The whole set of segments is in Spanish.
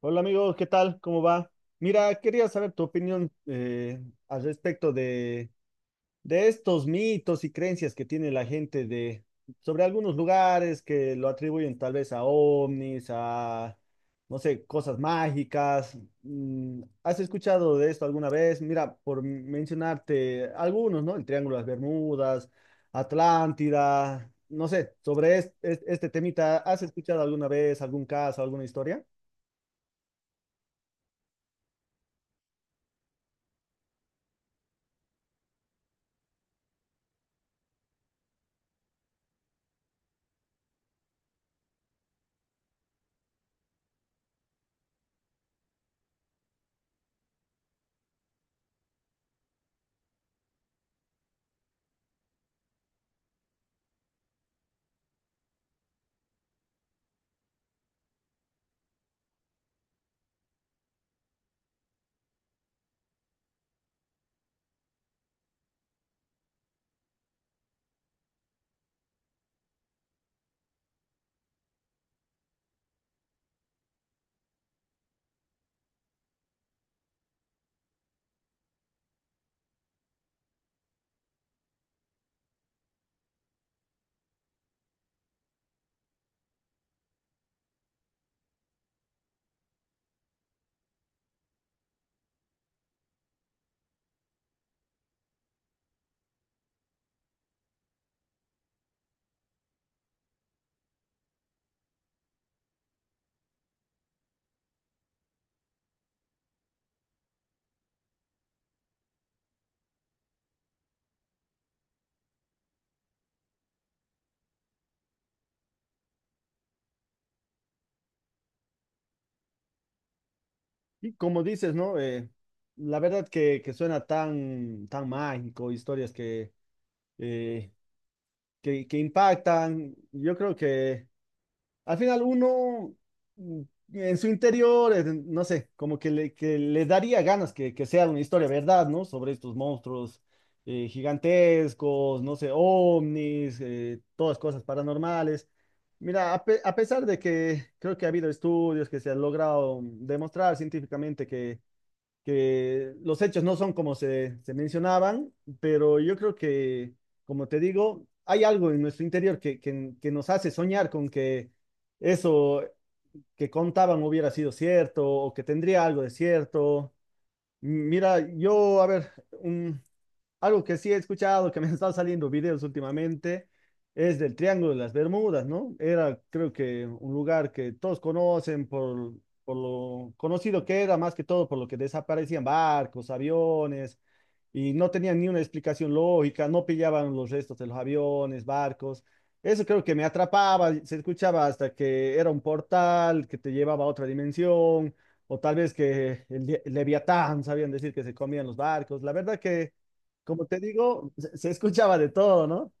Hola amigos, ¿qué tal? ¿Cómo va? Mira, quería saber tu opinión al respecto de estos mitos y creencias que tiene la gente sobre algunos lugares que lo atribuyen tal vez a ovnis, a, no sé, cosas mágicas. Mm, ¿has escuchado de esto alguna vez? Mira, por mencionarte algunos, ¿no? El Triángulo de las Bermudas, Atlántida, no sé, sobre este temita, ¿has escuchado alguna vez algún caso, alguna historia? Y como dices, ¿no? La verdad que suena tan, tan mágico, historias eh, que impactan. Yo creo que al final uno, mm, en su interior, no sé, como que que le daría ganas que sea una historia verdad, ¿no? Sobre estos monstruos gigantescos, no sé, ovnis, todas cosas paranormales. Mira, a pesar de que creo que ha habido estudios que se han logrado demostrar científicamente que los hechos no son como se mencionaban, pero yo creo que, como te digo, hay algo en nuestro interior que nos hace soñar con que eso que contaban hubiera sido cierto o que tendría algo de cierto. Mira, yo, a ver, un, algo que sí he escuchado, que me han estado saliendo videos últimamente, es del Triángulo de las Bermudas, ¿no? Era, creo que, un lugar que todos conocen por lo conocido que era, más que todo por lo que desaparecían barcos, aviones, y no tenían ni una explicación lógica, no pillaban los restos de los aviones, barcos. Eso creo que me atrapaba, se escuchaba hasta que era un portal que te llevaba a otra dimensión, o tal vez que el Leviatán, sabían decir que se comían los barcos. La verdad que... Como te digo, se escuchaba de todo, ¿no?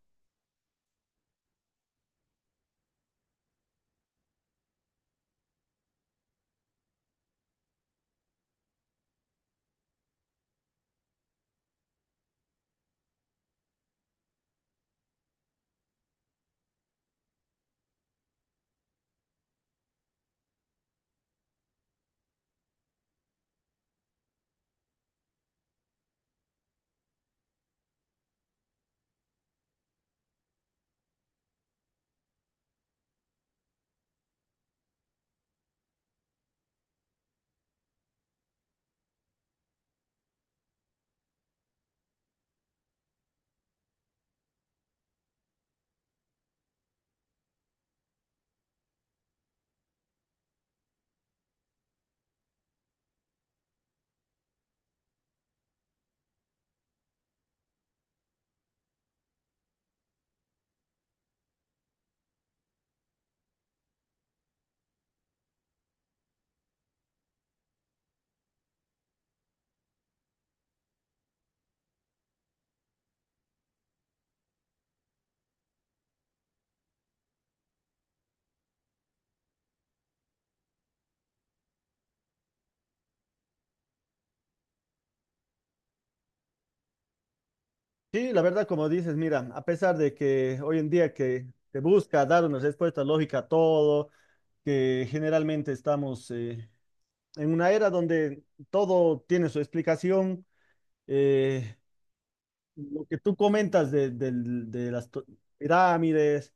Sí, la verdad, como dices, mira, a pesar de que hoy en día que se busca dar una respuesta lógica a todo, que generalmente estamos, en una era donde todo tiene su explicación, eh, lo que tú comentas de pirámides.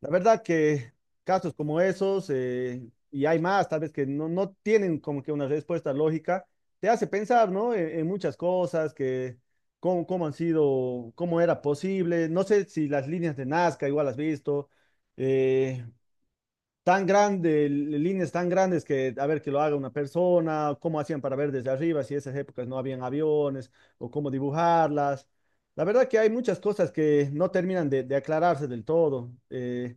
La verdad que casos como esos, y hay más, tal vez que no, no tienen como que una respuesta lógica, te hace pensar, ¿no? En muchas cosas, que cómo, cómo han sido, cómo era posible. No sé si las líneas de Nazca igual has visto, eh, tan grandes líneas tan grandes que, a ver, que lo haga una persona, cómo hacían para ver desde arriba, si en esas épocas no habían aviones, o cómo dibujarlas. La verdad que hay muchas cosas que no terminan de aclararse del todo. Eh,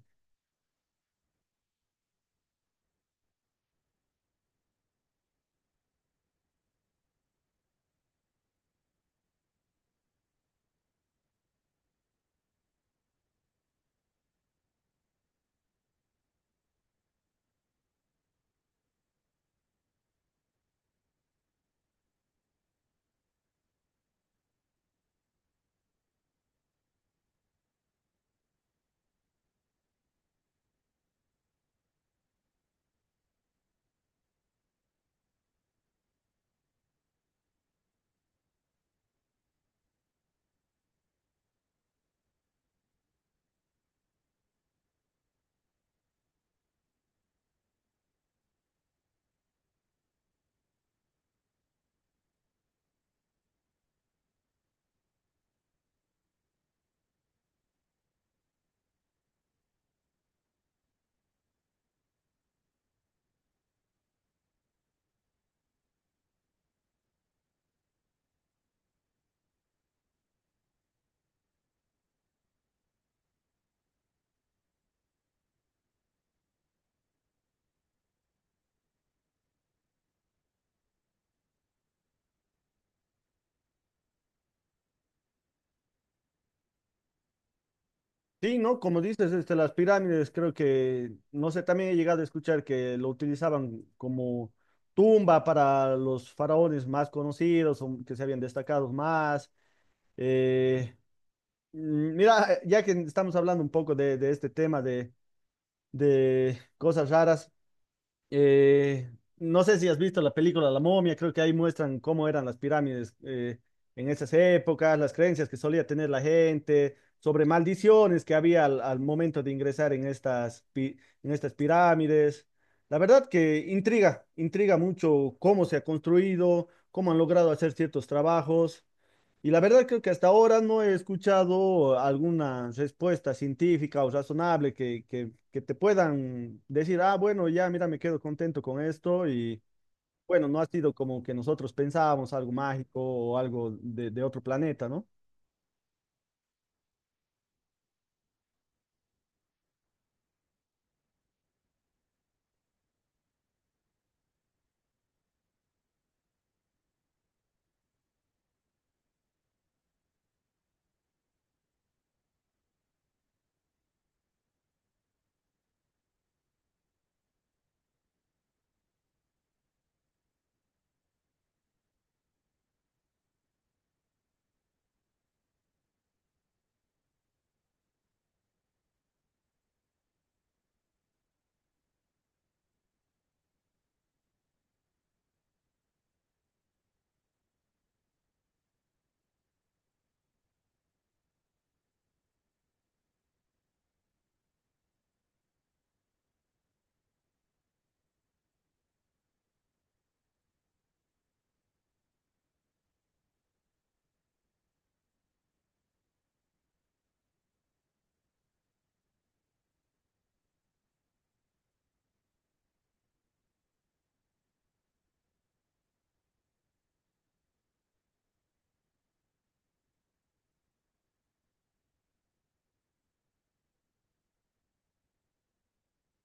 sí, ¿no? Como dices, este, las pirámides, creo que, no sé, también he llegado a escuchar que lo utilizaban como tumba para los faraones más conocidos o que se habían destacado más. Eh, mm, mira, ya que estamos hablando un poco de este tema de cosas raras, eh, no sé si has visto la película La Momia, creo que ahí muestran cómo eran las pirámides, en esas épocas, las creencias que solía tener la gente, sobre maldiciones que había al momento de ingresar en estas, en estas pirámides. La verdad que intriga, intriga mucho cómo se ha construido, cómo han logrado hacer ciertos trabajos. Y la verdad creo que hasta ahora no he escuchado alguna respuesta científica o razonable que te puedan decir, ah, bueno, ya, mira, me quedo contento con esto y bueno, no ha sido como que nosotros pensábamos algo mágico o algo de otro planeta, ¿no?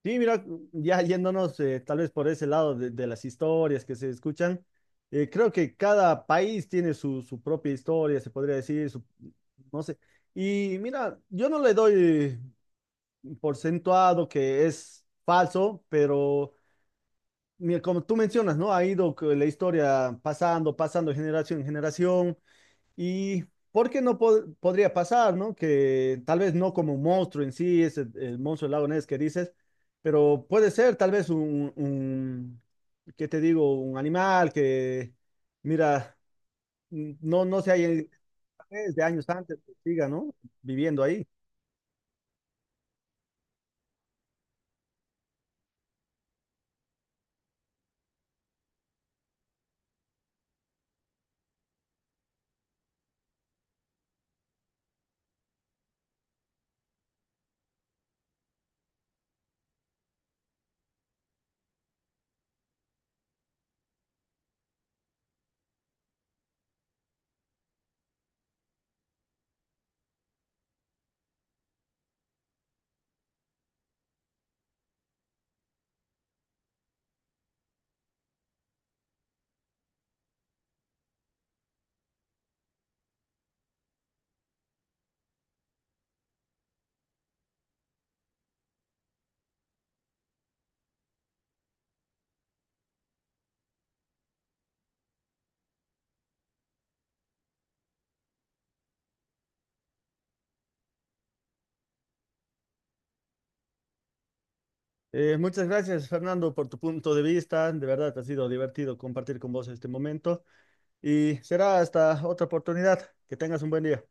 Sí, mira, ya yéndonos, tal vez por ese lado de las historias que se escuchan, creo que cada país tiene su, su propia historia, se podría decir, su, no sé. Y mira, yo no le doy porcentuado que es falso, pero mira, como tú mencionas, ¿no? Ha ido que la historia pasando, pasando de generación en generación y ¿por qué no podría pasar, ¿no? Que tal vez no como un monstruo en sí, es el monstruo del lago Ness que dices, pero puede ser tal vez un ¿qué te digo? Un animal que, mira, no se haya desde años antes, que siga, ¿no? Viviendo ahí. Muchas gracias, Fernando, por tu punto de vista. De verdad, ha sido divertido compartir con vos este momento y será hasta otra oportunidad. Que tengas un buen día.